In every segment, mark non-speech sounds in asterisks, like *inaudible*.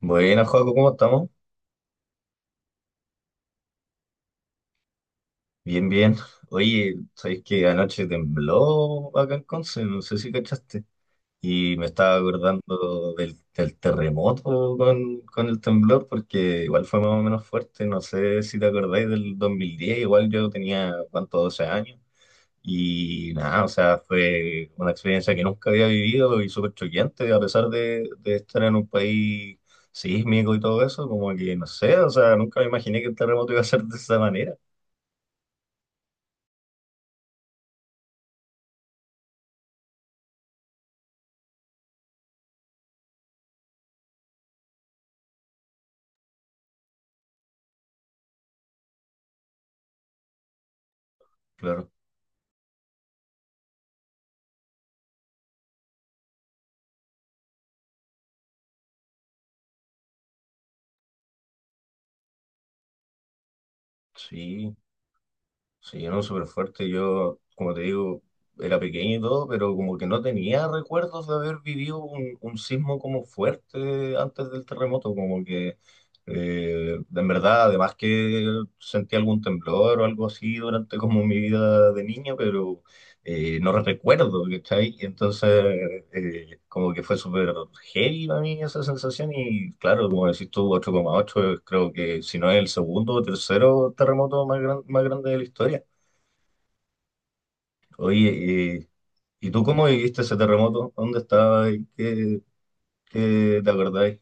Bueno, Joaco, ¿cómo estamos? Bien, bien. Oye, ¿sabéis que anoche tembló acá en Conce? No sé si cachaste. Y me estaba acordando del terremoto con el temblor, porque igual fue más o menos fuerte. No sé si te acordáis del 2010, igual yo tenía, ¿cuánto? 12 años. Y nada, o sea, fue una experiencia que nunca había vivido y súper choqueante, a pesar de estar en un país sísmico y todo eso, como que no sé, o sea, nunca me imaginé que el terremoto iba a ser de esa manera. Claro, sí, sí, no, súper fuerte. Yo, como te digo, era pequeño y todo, pero como que no tenía recuerdos de haber vivido un sismo como fuerte antes del terremoto, como que en verdad, además que sentí algún temblor o algo así durante como mi vida de niño, pero no recuerdo, ¿cachai? Y entonces, como que fue súper heavy para mí esa sensación. Y claro, como decís tú, 8,8, es, creo que si no es el segundo o tercero terremoto más, más grande de la historia. Oye, eh, ¿y tú cómo viviste ese terremoto? ¿Dónde estabas? ¿Qué, qué te acordáis?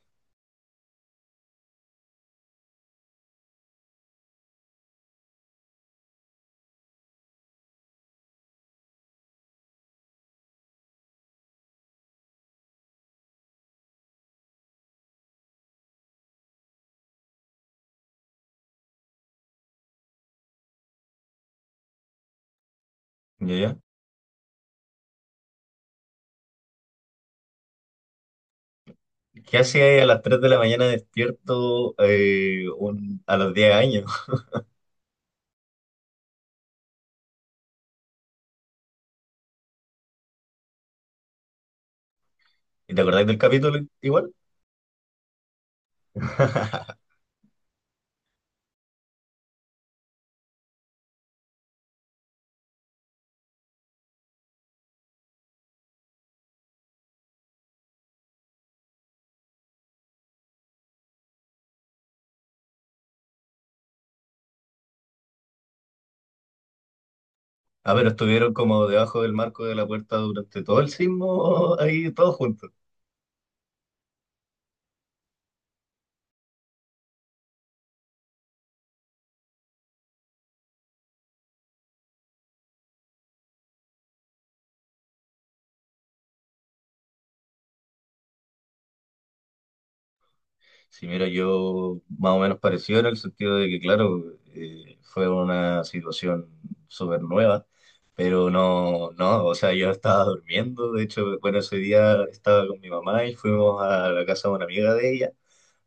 ¿Ya, ya? ¿Qué hacías a las 3 de la mañana despierto a los 10 años? *laughs* ¿Y te acordáis del capítulo igual? *laughs* Ah, pero estuvieron como debajo del marco de la puerta durante todo el sismo, *laughs* ahí todos juntos. Sí, mira, yo más o menos parecido en el sentido de que, claro, fue una situación súper nueva, pero no, o sea, yo estaba durmiendo, de hecho, bueno, ese día estaba con mi mamá y fuimos a la casa de una amiga de ella.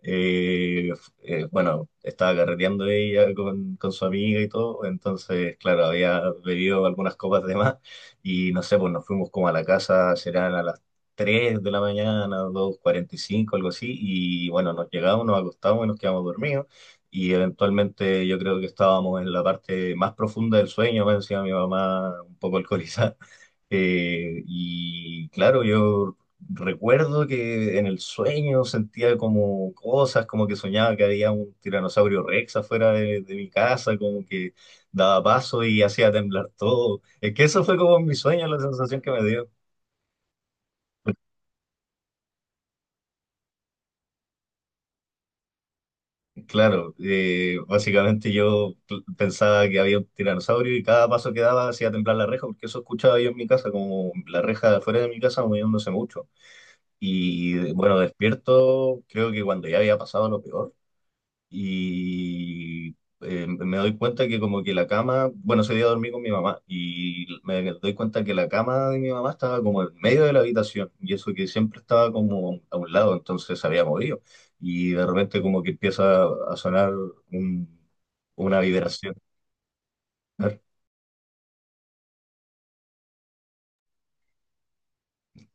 Eh, bueno, estaba carreteando ella con su amiga y todo, entonces, claro, había bebido algunas copas de más y no sé, pues nos fuimos como a la casa, serán a las 3 de la mañana, 2:45, algo así, y bueno, nos llegamos, nos acostamos y nos quedamos dormidos y eventualmente yo creo que estábamos en la parte más profunda del sueño, me decía mi mamá un poco alcoholizada. *laughs* Y claro, yo recuerdo que en el sueño sentía como cosas, como que soñaba que había un tiranosaurio Rex afuera de mi casa, como que daba paso y hacía temblar todo. Es que eso fue como en mi sueño la sensación que me dio. Claro, básicamente yo pensaba que había un tiranosaurio y cada paso que daba hacía temblar la reja, porque eso escuchaba yo en mi casa, como la reja de afuera de mi casa moviéndose mucho. Y bueno, despierto, creo que cuando ya había pasado lo peor. Y me doy cuenta que como que la cama, bueno, ese día dormí con mi mamá y me doy cuenta que la cama de mi mamá estaba como en medio de la habitación y eso que siempre estaba como a un lado, entonces se había movido y de repente como que empieza a sonar un- una vibración.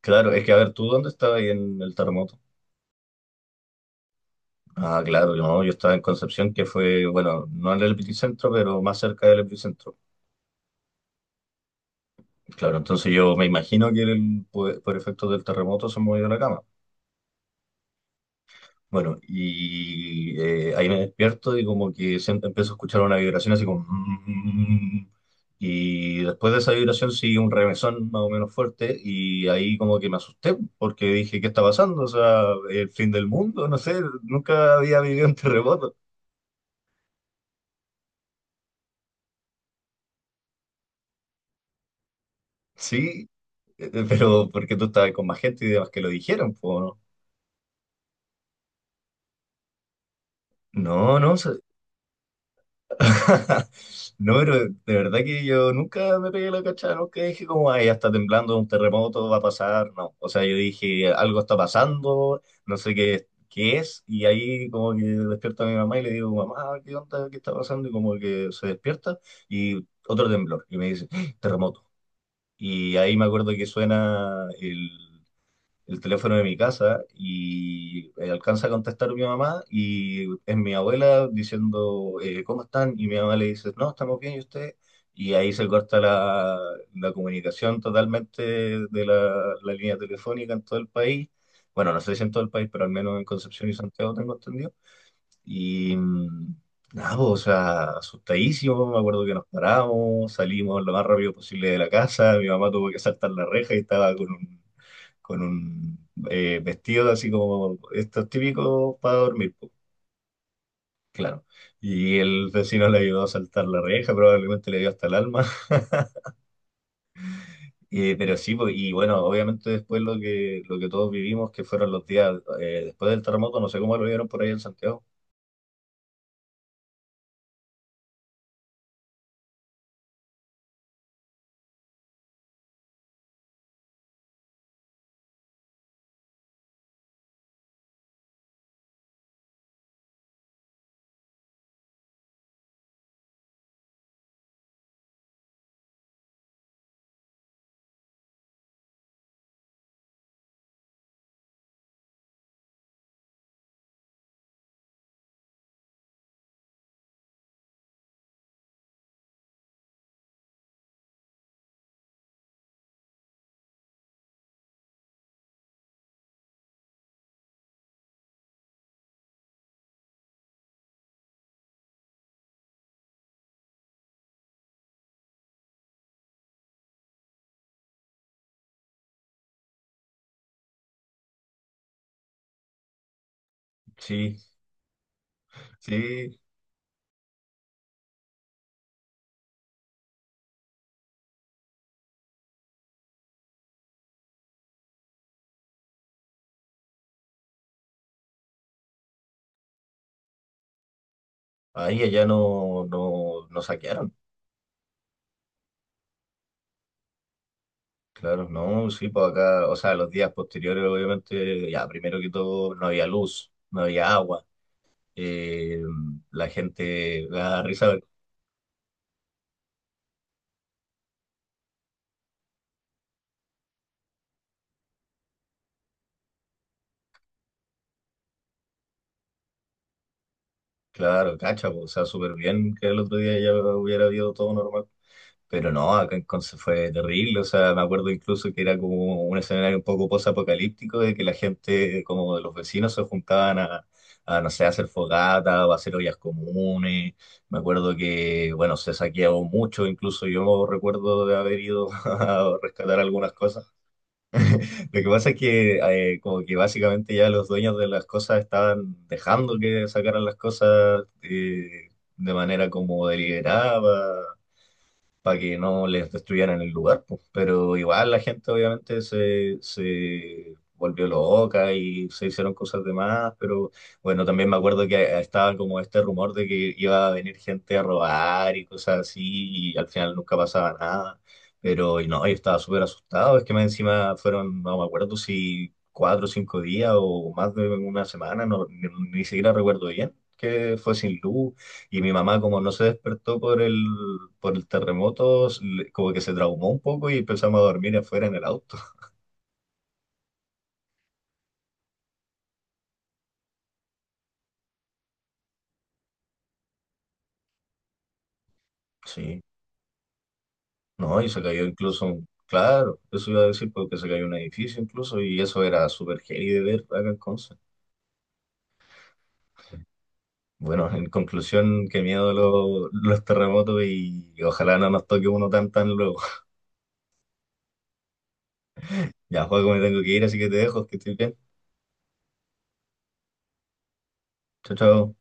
Claro, es que a ver, ¿tú dónde estabas ahí en el terremoto? Ah, claro, yo estaba en Concepción, que fue, bueno, no en el epicentro, pero más cerca del epicentro. Claro, entonces yo me imagino que por efectos del terremoto se movió la cama. Bueno, y ahí me despierto y como que empiezo a escuchar una vibración así como... "Mm". Y después de esa vibración sigue un remesón más o menos fuerte y ahí como que me asusté porque dije, ¿qué está pasando? O sea, el fin del mundo, no sé, nunca había vivido un terremoto. Sí, pero porque tú estabas con más gente y demás que lo dijeron, pues, ¿no? No, no. *laughs* No, pero de verdad que yo nunca me pegué la cachada, nunca dije como, ay, ya está temblando, un terremoto va a pasar, no. O sea, yo dije, algo está pasando, no sé qué, qué es, y ahí como que despierta mi mamá y le digo, mamá, ¿qué onda? ¿Qué está pasando? Y como que se despierta y otro temblor, y me dice, "Ah, terremoto". Y ahí me acuerdo que suena el teléfono de mi casa y alcanza a contestar mi mamá y es mi abuela diciendo, ¿cómo están? Y mi mamá le dice, no, estamos bien, ¿y usted? Y ahí se corta la comunicación totalmente de la línea telefónica en todo el país. Bueno, no sé si en todo el país, pero al menos en Concepción y Santiago tengo entendido. Y nada, pues, o sea, asustadísimo, me acuerdo que nos paramos, salimos lo más rápido posible de la casa, mi mamá tuvo que saltar la reja y estaba con un con un vestido así como estos típicos para dormir, po, claro. Y el vecino le ayudó a saltar la reja, probablemente le dio hasta el alma. *laughs* Pero sí, po, y bueno, obviamente después lo que todos vivimos, que fueron los días después del terremoto, no sé cómo lo vieron por ahí en Santiago. Sí, sí, ahí allá no, no, no saquearon. Claro, no, sí, pues acá, o sea, los días posteriores, obviamente, ya, primero que todo, no había luz, no había agua. eh, la gente le da risa, claro, cacha, po, o sea, súper bien que el otro día ya hubiera habido todo normal. Pero no, acá en Conce fue terrible, o sea, me acuerdo incluso que era como un escenario un poco posapocalíptico de que la gente, como de los vecinos, se juntaban a, no sé, a hacer fogata o a hacer ollas comunes. Me acuerdo que, bueno, se saqueaba mucho, incluso yo recuerdo de haber ido *laughs* a rescatar algunas cosas. Lo que pasa es que como que básicamente ya los dueños de las cosas estaban dejando que sacaran las cosas de manera como deliberada para que no les destruyeran el lugar, pues. Pero igual la gente obviamente se volvió loca y se hicieron cosas de más, pero bueno, también me acuerdo que estaba como este rumor de que iba a venir gente a robar y cosas así, y al final nunca pasaba nada. Pero y no, yo estaba súper asustado, es que más encima fueron, no me acuerdo si 4 o 5 días o más de 1 semana, no, ni siquiera recuerdo bien, que fue sin luz y mi mamá, como no se despertó por por el terremoto, como que se traumó un poco y empezamos a dormir afuera en el auto. *laughs* Sí, no, y se cayó incluso, claro, eso iba a decir porque se cayó un edificio incluso y eso era súper heavy de ver acá en Conce. Bueno, en conclusión, qué miedo los terremotos y ojalá no nos toque uno tan tan luego. *laughs* Ya, Juaco, me tengo que ir, así que te dejo, que estoy bien. Chao, chao.